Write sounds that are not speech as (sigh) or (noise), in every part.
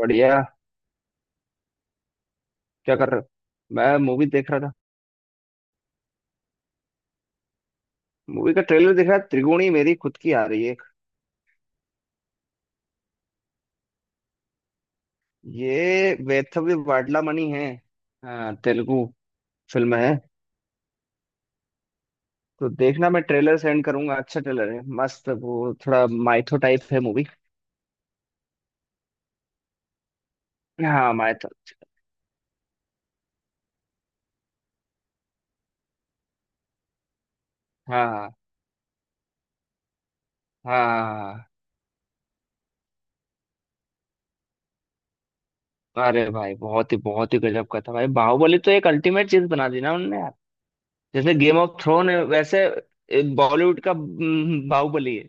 बढ़िया। क्या कर रहे हो? मैं मूवी देख रहा था। मूवी का ट्रेलर देख रहा था। त्रिगुणी मेरी खुद की आ रही है एक। ये वेथव्य वाडलामणि है। हाँ, तेलुगु फिल्म है। तो देखना, मैं ट्रेलर सेंड करूंगा। अच्छा ट्रेलर है, मस्त। वो थोड़ा माइथो टाइप है मूवी। हाँ माइथो। हाँ हाँ हाँ हाँ। अरे भाई, बहुत ही गजब का था भाई बाहुबली। तो एक अल्टीमेट चीज बना दी ना उनने यार। जैसे गेम ऑफ थ्रोन है वैसे बॉलीवुड का बाहुबली है।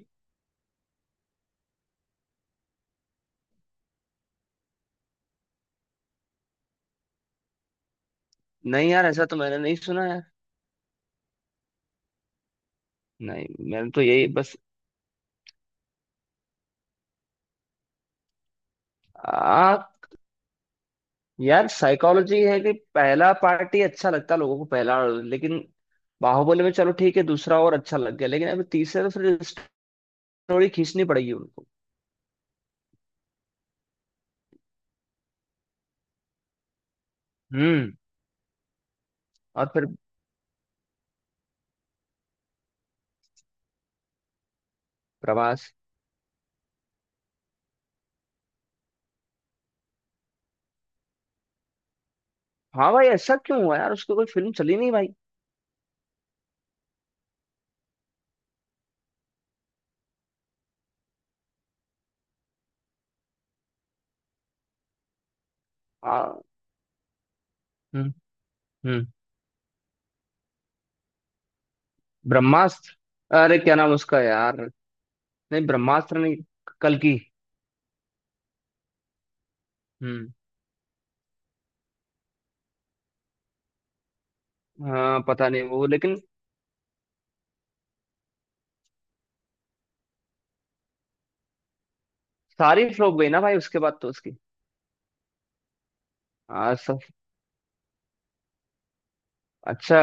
नहीं यार, ऐसा तो मैंने नहीं सुना। नहीं, मैंने तो यही बस। आ यार, साइकोलॉजी है कि पहला पार्ट ही अच्छा लगता लोगों को पहला। लेकिन बाहुबली में चलो ठीक है, दूसरा और अच्छा लग गया। लेकिन अब तीसरे तो फिर स्टोरी खींचनी पड़ेगी उनको। हम्म। और फिर प्रभास। हाँ भाई, ऐसा क्यों हुआ यार, उसकी कोई फिल्म चली नहीं भाई। हाँ। हम्म। हम्म। ब्रह्मास्त्र! अरे क्या नाम उसका यार। नहीं ब्रह्मास्त्र नहीं, कल की। हम्म। हाँ पता नहीं वो, लेकिन सारी फ्लॉप गई ना भाई उसके बाद तो उसकी। हाँ सब। अच्छा।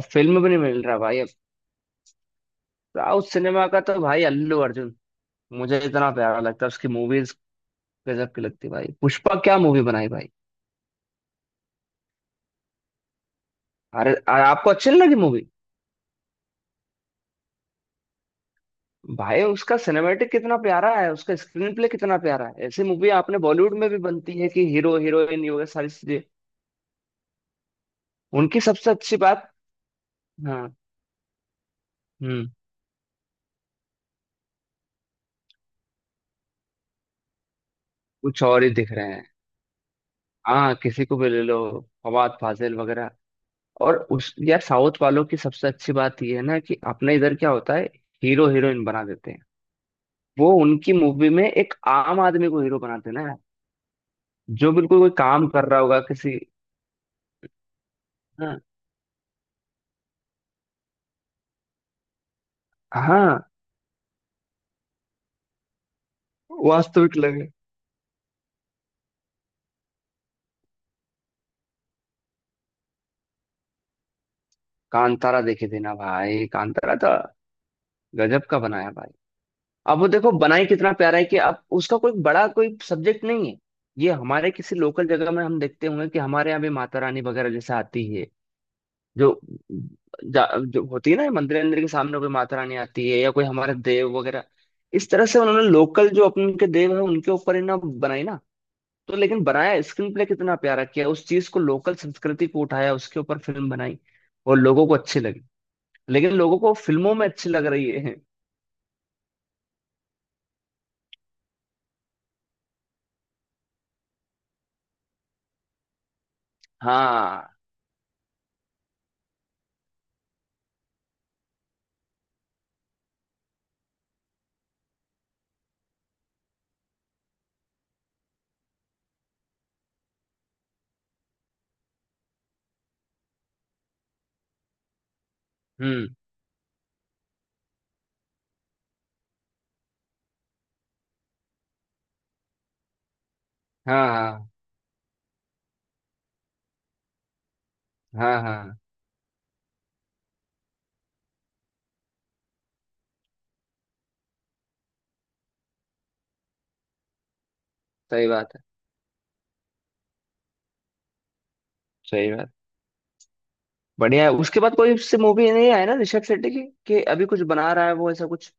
अब फिल्म भी नहीं मिल रहा भाई अब। साउथ सिनेमा का तो भाई अल्लू अर्जुन मुझे इतना प्यारा लगता है। उसकी मूवीज गजब की लगती है भाई। पुष्पा क्या मूवी बनाई भाई। अरे अरे, आपको अच्छी नहीं लगी मूवी? भाई उसका सिनेमेटिक कितना प्यारा है, उसका स्क्रीन प्ले कितना प्यारा है। ऐसी मूवी आपने बॉलीवुड में भी बनती है कि हीरो हीरोइन ये वगैरह सारी चीजें। उनकी सबसे अच्छी बात। हाँ। हम्म। कुछ और ही दिख रहे हैं। हाँ किसी को भी ले लो, फवाद फाजिल वगैरह। और उस यार, साउथ वालों की सबसे अच्छी बात यह है ना कि अपने इधर क्या होता है, हीरो हीरोइन बना देते हैं। वो उनकी मूवी में एक आम आदमी को हीरो बनाते हैं ना, जो बिल्कुल कोई काम कर रहा होगा किसी। हाँ हाँ। वास्तविक लगे। कांतारा देखे थे ना भाई, कांतारा तो गजब का बनाया भाई। अब वो देखो बनाई कितना प्यारा है कि अब उसका कोई बड़ा कोई सब्जेक्ट नहीं है। ये हमारे किसी लोकल जगह में हम देखते होंगे कि हमारे यहाँ भी माता रानी वगैरह जैसे आती है। जो जो होती है ना मंदिर अंदर के सामने, कोई माता रानी आती है या कोई हमारे देव वगैरह। इस तरह से उन्होंने लोकल जो अपने के देव है उनके ऊपर ही ना बनाई ना। तो लेकिन बनाया स्क्रीन प्ले कितना प्यारा, किया उस चीज को, लोकल संस्कृति को उठाया, उसके ऊपर फिल्म बनाई और लोगों को अच्छी लगी। लेकिन लोगों को फिल्मों में अच्छी लग रही है। हाँ। हम्म। हाँ हाँ हाँ हाँ। सही बात है। सही बात। बढ़िया है। उसके बाद कोई उससे मूवी नहीं आया ना ऋषभ शेट्टी की, कि अभी कुछ बना रहा है वो ऐसा कुछ।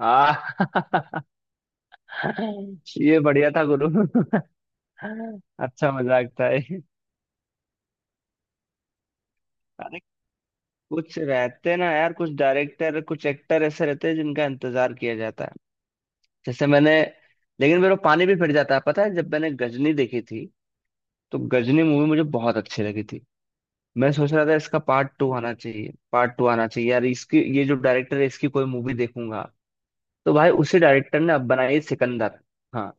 हाँ। (laughs) ये बढ़िया था गुरु। (laughs) अच्छा मजाक था ये। अरे कुछ रहते ना यार, कुछ डायरेक्टर कुछ एक्टर ऐसे रहते हैं जिनका इंतजार किया जाता है। जैसे मैंने, लेकिन मेरे को पानी भी फिर जाता है पता है, जब मैंने गजनी देखी थी तो गजनी मूवी मुझे बहुत अच्छी लगी थी। मैं सोच रहा था इसका पार्ट टू आना चाहिए, पार्ट टू आना चाहिए यार, इसकी ये जो डायरेक्टर है इसकी कोई मूवी देखूंगा। तो भाई उसी डायरेक्टर ने अब बनाई है सिकंदर। हाँ।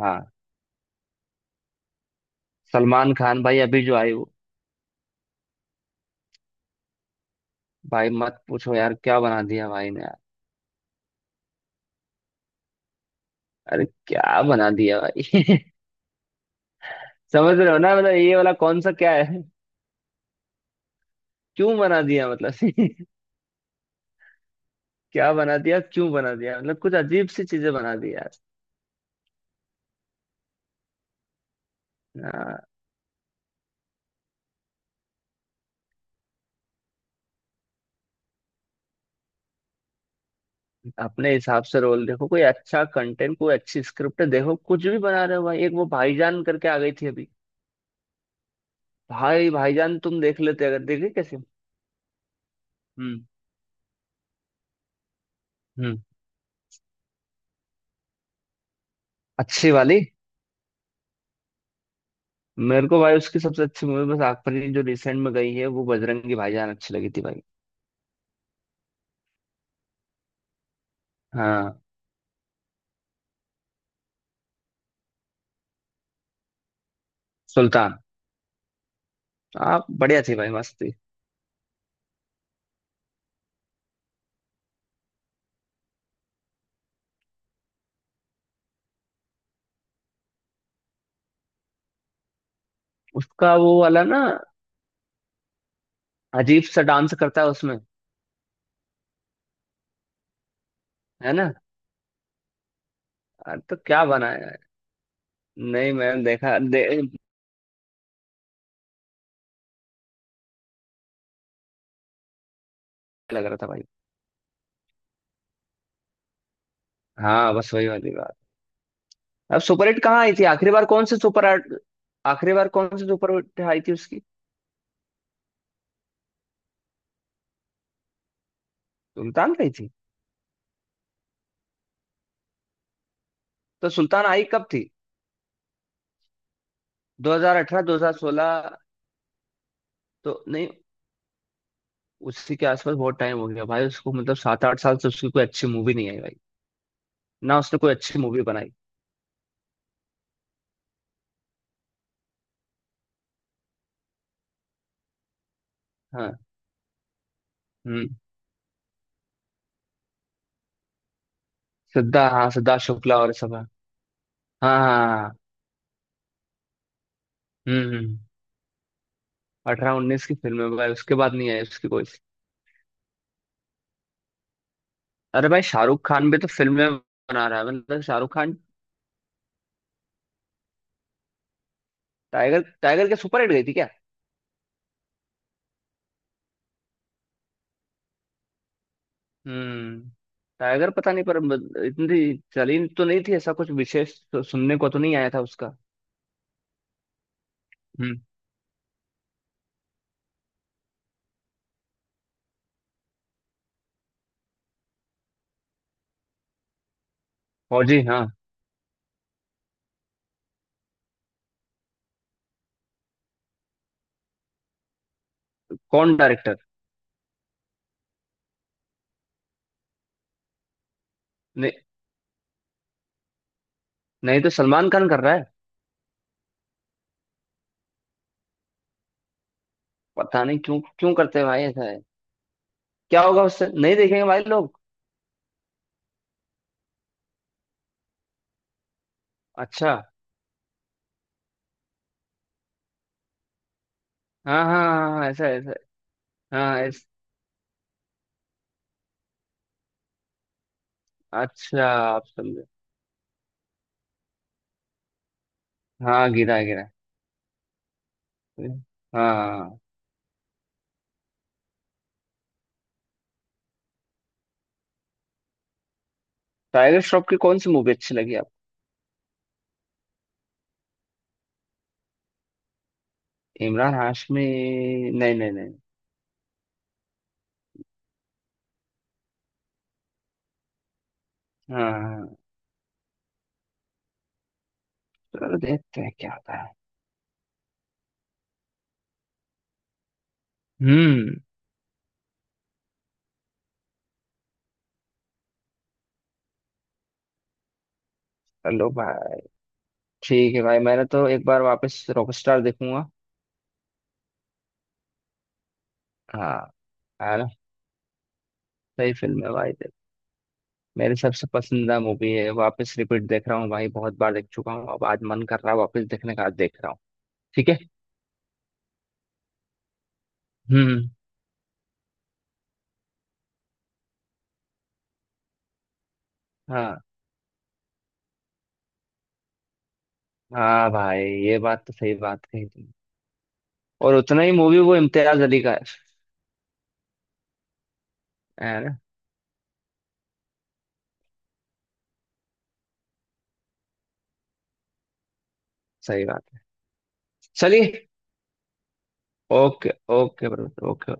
हाँ सलमान खान भाई, अभी जो आई वो। भाई मत पूछो यार, क्या बना दिया भाई ने। अरे क्या बना दिया भाई। (laughs) समझ रहे हो ना, मतलब ये वाला कौन सा क्या है। क्यों बना दिया मतलब। (laughs) क्या बना दिया क्यों बना दिया मतलब, कुछ अजीब सी चीजें बना दी यार। आ, अपने हिसाब से रोल देखो, कोई अच्छा कंटेंट कोई अच्छी स्क्रिप्ट देखो, कुछ भी बना रहे हो भाई। एक वो भाईजान करके आ गई थी अभी, भाई भाईजान तुम देख लेते अगर, देखे कैसे। हम्म। हम्म। अच्छी वाली। मेरे को भाई उसकी सबसे अच्छी मूवी बस आग परी जो रिसेंट में गई है वो, बजरंगी भाईजान अच्छी लगी थी भाई। हाँ। सुल्तान आप बढ़िया थी भाई, मस्त थी। उसका वो वाला ना, अजीब सा डांस करता है उसमें। है ना? अरे तो क्या बनाया है। नहीं मैंने देखा लग रहा था भाई। हाँ बस वही वाली बात। अब सुपर हिट कहाँ आई थी आखिरी बार, कौन सी सुपर हिट- आखिरी बार कौन सी सुपर हिट आई थी उसकी। सुल्तान आई थी। तो सुल्तान आई कब थी, 2018 2016? तो नहीं, उसी के आसपास बहुत टाइम हो गया भाई उसको, मतलब सात आठ साल से उसकी कोई अच्छी मूवी नहीं आई भाई। ना उसने कोई अच्छी मूवी बनाई। हाँ। हम्म। सिद्धा हाँ, सिद्धार्थ शुक्ला और सब। हाँ हाँ हाँ हाँ। हम्म। हम्म। अठारह उन्नीस की फिल्म है भाई, उसके बाद नहीं आई उसकी कोई। अरे भाई शाहरुख खान भी तो फिल्में बना रहा है, मतलब शाहरुख खान। टाइगर, टाइगर के सुपर हिट गई थी क्या? हम्म। टाइगर पता नहीं पर इतनी चली तो नहीं थी, ऐसा कुछ विशेष तो सुनने को तो नहीं आया था उसका। हम्म। फौजी हाँ। कौन डायरेक्टर? नहीं। नहीं तो सलमान खान कर रहा है। पता नहीं क्यों क्यों करते हैं भाई ऐसा है, क्या होगा उससे, नहीं देखेंगे भाई लोग। अच्छा। हाँ हाँ हाँ हाँ, ऐसा ऐसा। हाँ अच्छा आप समझे। हाँ गिरा गिरा। हाँ हाँ हाँ। टाइगर श्रॉफ की कौन सी मूवी अच्छी लगी आपको? इमरान हाशमी? नहीं नहीं नहीं। हाँ हाँ, चलो देखते हैं क्या होता है। हम्म। चलो भाई, ठीक है भाई। मैंने तो एक बार वापस रॉकस्टार देखूंगा। हाँ। है ना? सही फिल्म है भाई देख। मेरी सबसे पसंदीदा मूवी है, वापस रिपीट देख रहा हूँ भाई, बहुत बार देख चुका हूँ, अब आज मन कर रहा है वापस देखने का, आज देख रहा हूँ। ठीक है। हम्म। हाँ। हाँ भाई, ये बात तो सही बात कही तुमने। और उतना ही मूवी वो इम्तियाज अली का है। है ना? सही बात है। चलिए। Okay okay brother, okay.